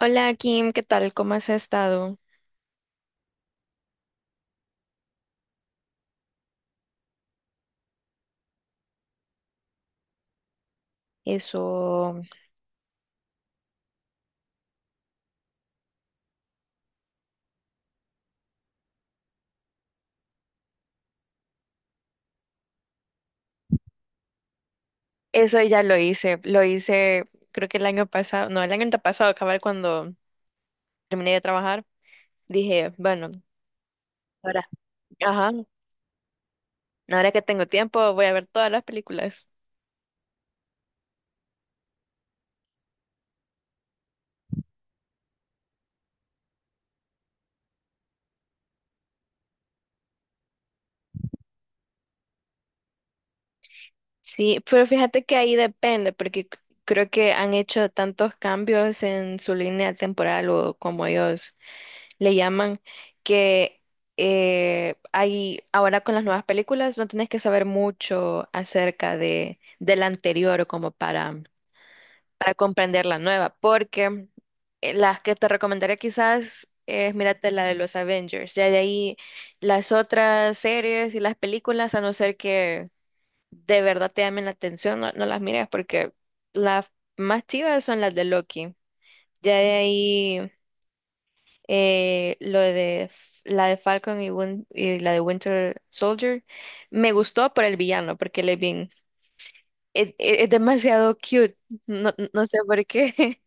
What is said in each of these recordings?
Hola Kim, ¿qué tal? ¿Cómo has estado? Eso, eso ya lo hice creo que el año pasado, no, el año antepasado, cabal, cuando terminé de trabajar, dije, bueno, ahora, ajá, ahora que tengo tiempo voy a ver todas las películas. Sí, pero fíjate que ahí depende, porque creo que han hecho tantos cambios en su línea temporal o como ellos le llaman, que hay, ahora con las nuevas películas no tenés que saber mucho acerca de la anterior o como para comprender la nueva, porque las que te recomendaría quizás es mírate la de los Avengers, ya de ahí las otras series y las películas, a no ser que de verdad te llamen la atención, no, no las mires porque las más chivas son las de Loki. Ya de ahí lo de la de Falcon y, y la de Winter Soldier. Me gustó por el villano, porque él es bien, es, es demasiado cute, no, no sé por qué,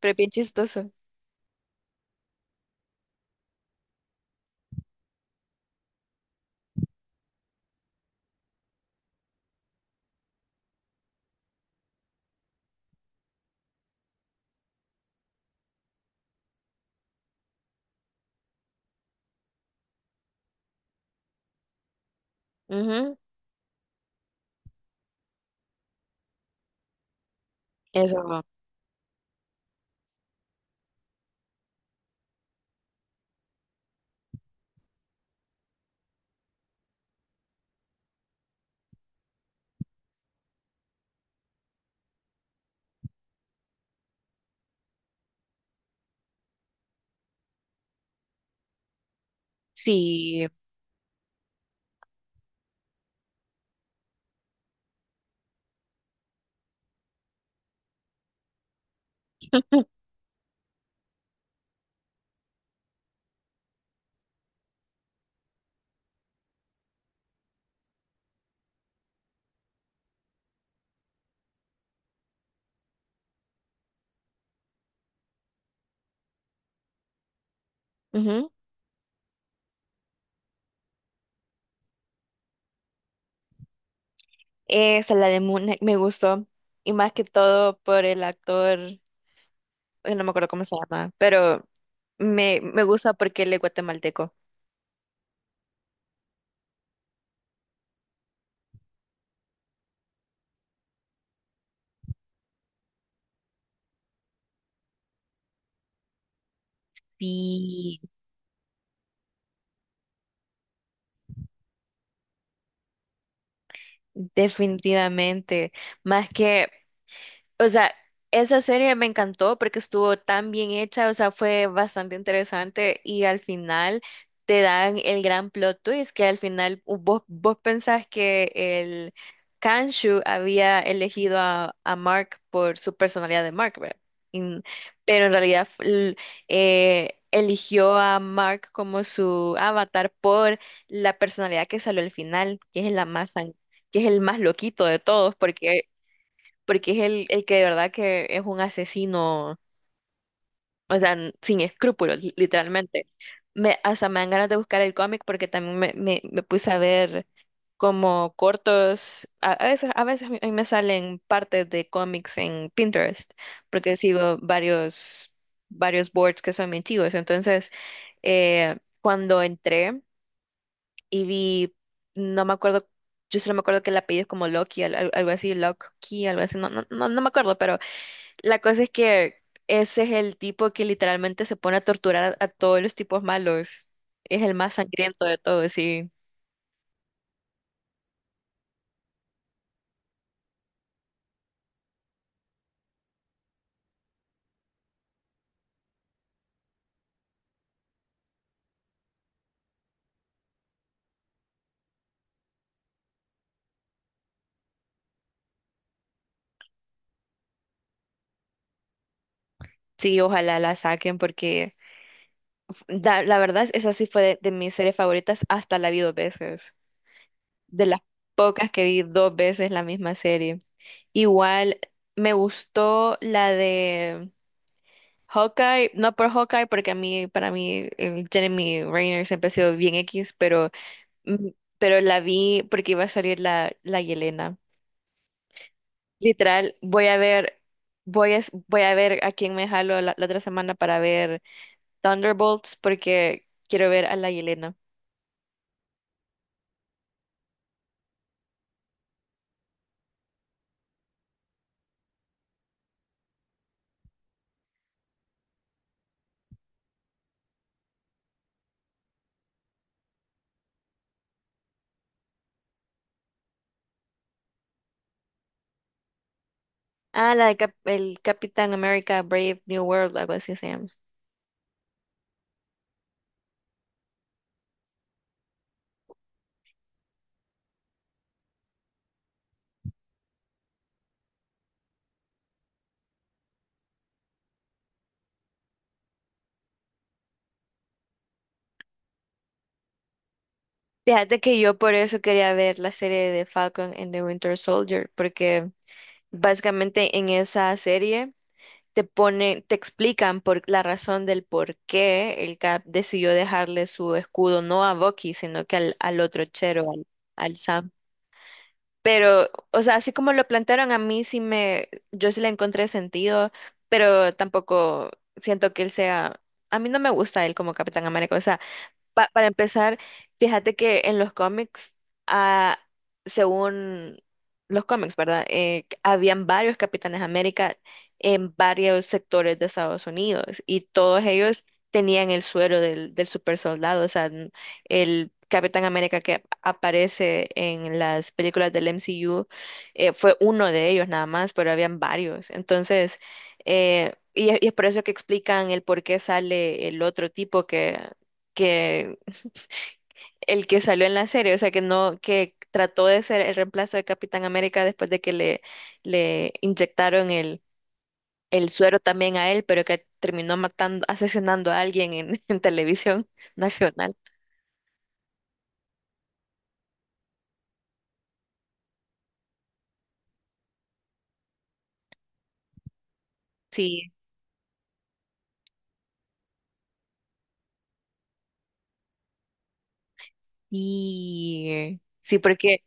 pero es bien chistoso. Ujú. Eso, sí, ujú. Esa, la de Moon Knight, me gustó, y más que todo por el actor, no me acuerdo cómo se llama, pero me gusta porque él es guatemalteco. Sí, definitivamente. Más que... O sea, esa serie me encantó porque estuvo tan bien hecha, o sea, fue bastante interesante y al final te dan el gran plot twist que al final vos, vos pensás que el Kanshu había elegido a Mark por su personalidad de Mark, ¿verdad? Y pero en realidad eligió a Mark como su avatar por la personalidad que salió al final, que es la más, que es el más loquito de todos, porque porque es el que de verdad que es un asesino, o sea, sin escrúpulos, literalmente. Me, hasta me dan ganas de buscar el cómic porque también me puse a ver como cortos, a veces, a veces a mí me salen partes de cómics en Pinterest, porque sigo varios, varios boards que son bien chivos. Entonces, cuando entré y vi, no me acuerdo, yo solo me acuerdo que el apellido es como Loki, algo así, Loki, algo así, no, no, no, no me acuerdo, pero la cosa es que ese es el tipo que literalmente se pone a torturar a todos los tipos malos. Es el más sangriento de todos, sí. Sí, ojalá la saquen porque la, verdad, esa sí fue de mis series favoritas, hasta la vi dos veces. De las pocas que vi dos veces la misma serie. Igual me gustó la de Hawkeye, no por Hawkeye porque a mí, para mí, el Jeremy Renner siempre ha sido bien X, pero Mm, pero la vi porque iba a salir la, la Yelena. Literal, voy a ver, voy a, voy a ver a quién me jalo la, la otra semana para ver Thunderbolts porque quiero ver a la Yelena. Ah, la de el Capitán América Brave New World, algo así se llama. Fíjate que yo por eso quería ver la serie de Falcon and the Winter Soldier, porque básicamente en esa serie te ponen, te explican por la razón del por qué el Cap decidió dejarle su escudo no a Bucky, sino que al, al otro chero, al, al Sam. Pero, o sea, así como lo plantearon a mí sí me, yo sí le encontré sentido, pero tampoco siento que él sea, a mí no me gusta él como Capitán América, o sea para empezar, fíjate que en los cómics, ah, según los cómics, ¿verdad? Habían varios Capitanes América en varios sectores de Estados Unidos y todos ellos tenían el suero del super soldado. O sea, el Capitán América que aparece en las películas del MCU fue uno de ellos nada más, pero habían varios. Entonces, y es por eso que explican el por qué sale el otro tipo que el que salió en la serie, o sea, que no, que trató de ser el reemplazo de Capitán América después de que le inyectaron el suero también a él, pero que terminó matando, asesinando a alguien en, en televisión nacional. Sí, y sí, porque...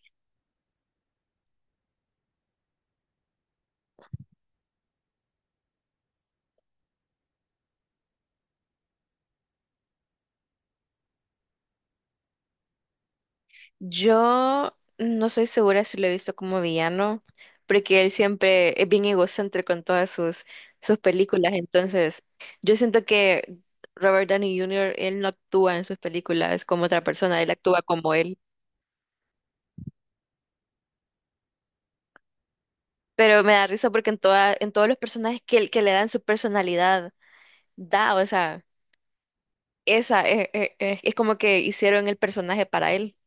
Yo no soy segura si lo he visto como villano, porque él siempre es bien egocéntrico en todas sus, sus películas. Entonces, yo siento que Robert Downey Jr., él no actúa en sus películas como otra persona, él actúa como él. Pero me da risa porque en toda, en todos los personajes que, él que le dan su personalidad, da, o sea, esa es, es como que hicieron el personaje para él.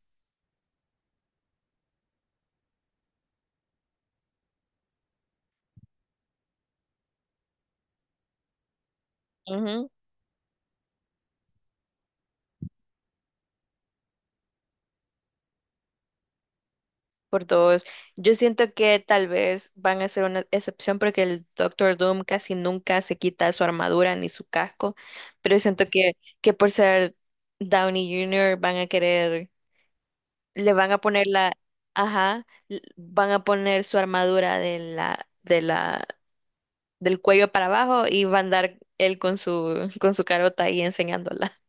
Por dos. Yo siento que tal vez van a ser una excepción porque el Doctor Doom casi nunca se quita su armadura ni su casco, pero siento que por ser Downey Jr. van a querer, le van a poner la, ajá, van a poner su armadura del cuello para abajo y va a andar él con su carota ahí enseñándola.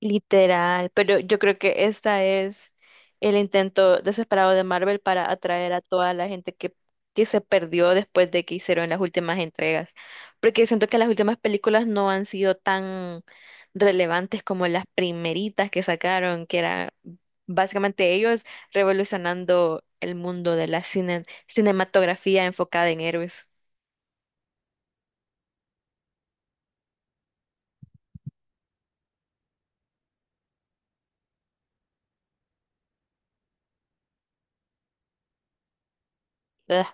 Literal, pero yo creo que esta es el intento desesperado de Marvel para atraer a toda la gente que se perdió después de que hicieron las últimas entregas, porque siento que las últimas películas no han sido tan relevantes como las primeritas que sacaron, que era básicamente ellos revolucionando el mundo de la cinematografía enfocada en héroes. Ugh,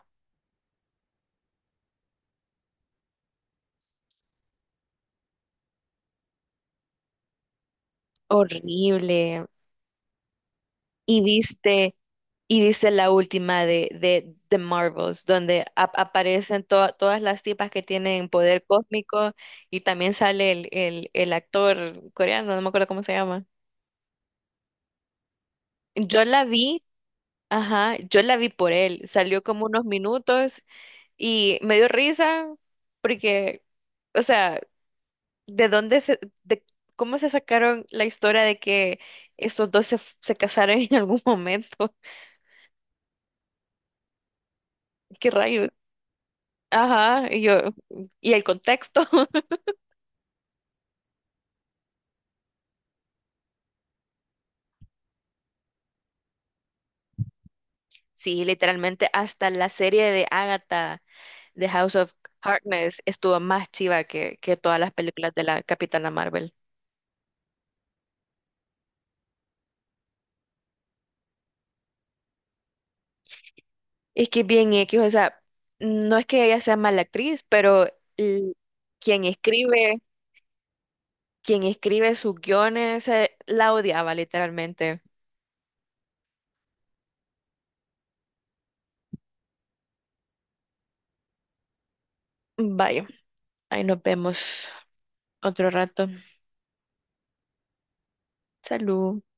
horrible. Y viste, y viste la última The Marvels, donde aparecen todas las tipas que tienen poder cósmico y también sale el actor coreano, no me acuerdo cómo se llama. Yo la vi, ajá, yo la vi por él, salió como unos minutos y me dio risa porque, o sea, ¿de dónde se, de cómo se sacaron la historia de que estos dos se, se casaron en algún momento? ¿Qué rayos? Ajá, y yo, y el contexto. Sí, literalmente hasta la serie de Agatha, The House of Harkness, estuvo más chiva que todas las películas de la Capitana Marvel. Es que bien X, o sea, no es que ella sea mala actriz, pero l- quien escribe, quien escribe sus guiones, la odiaba literalmente. Vaya, ahí nos vemos otro rato. Salud.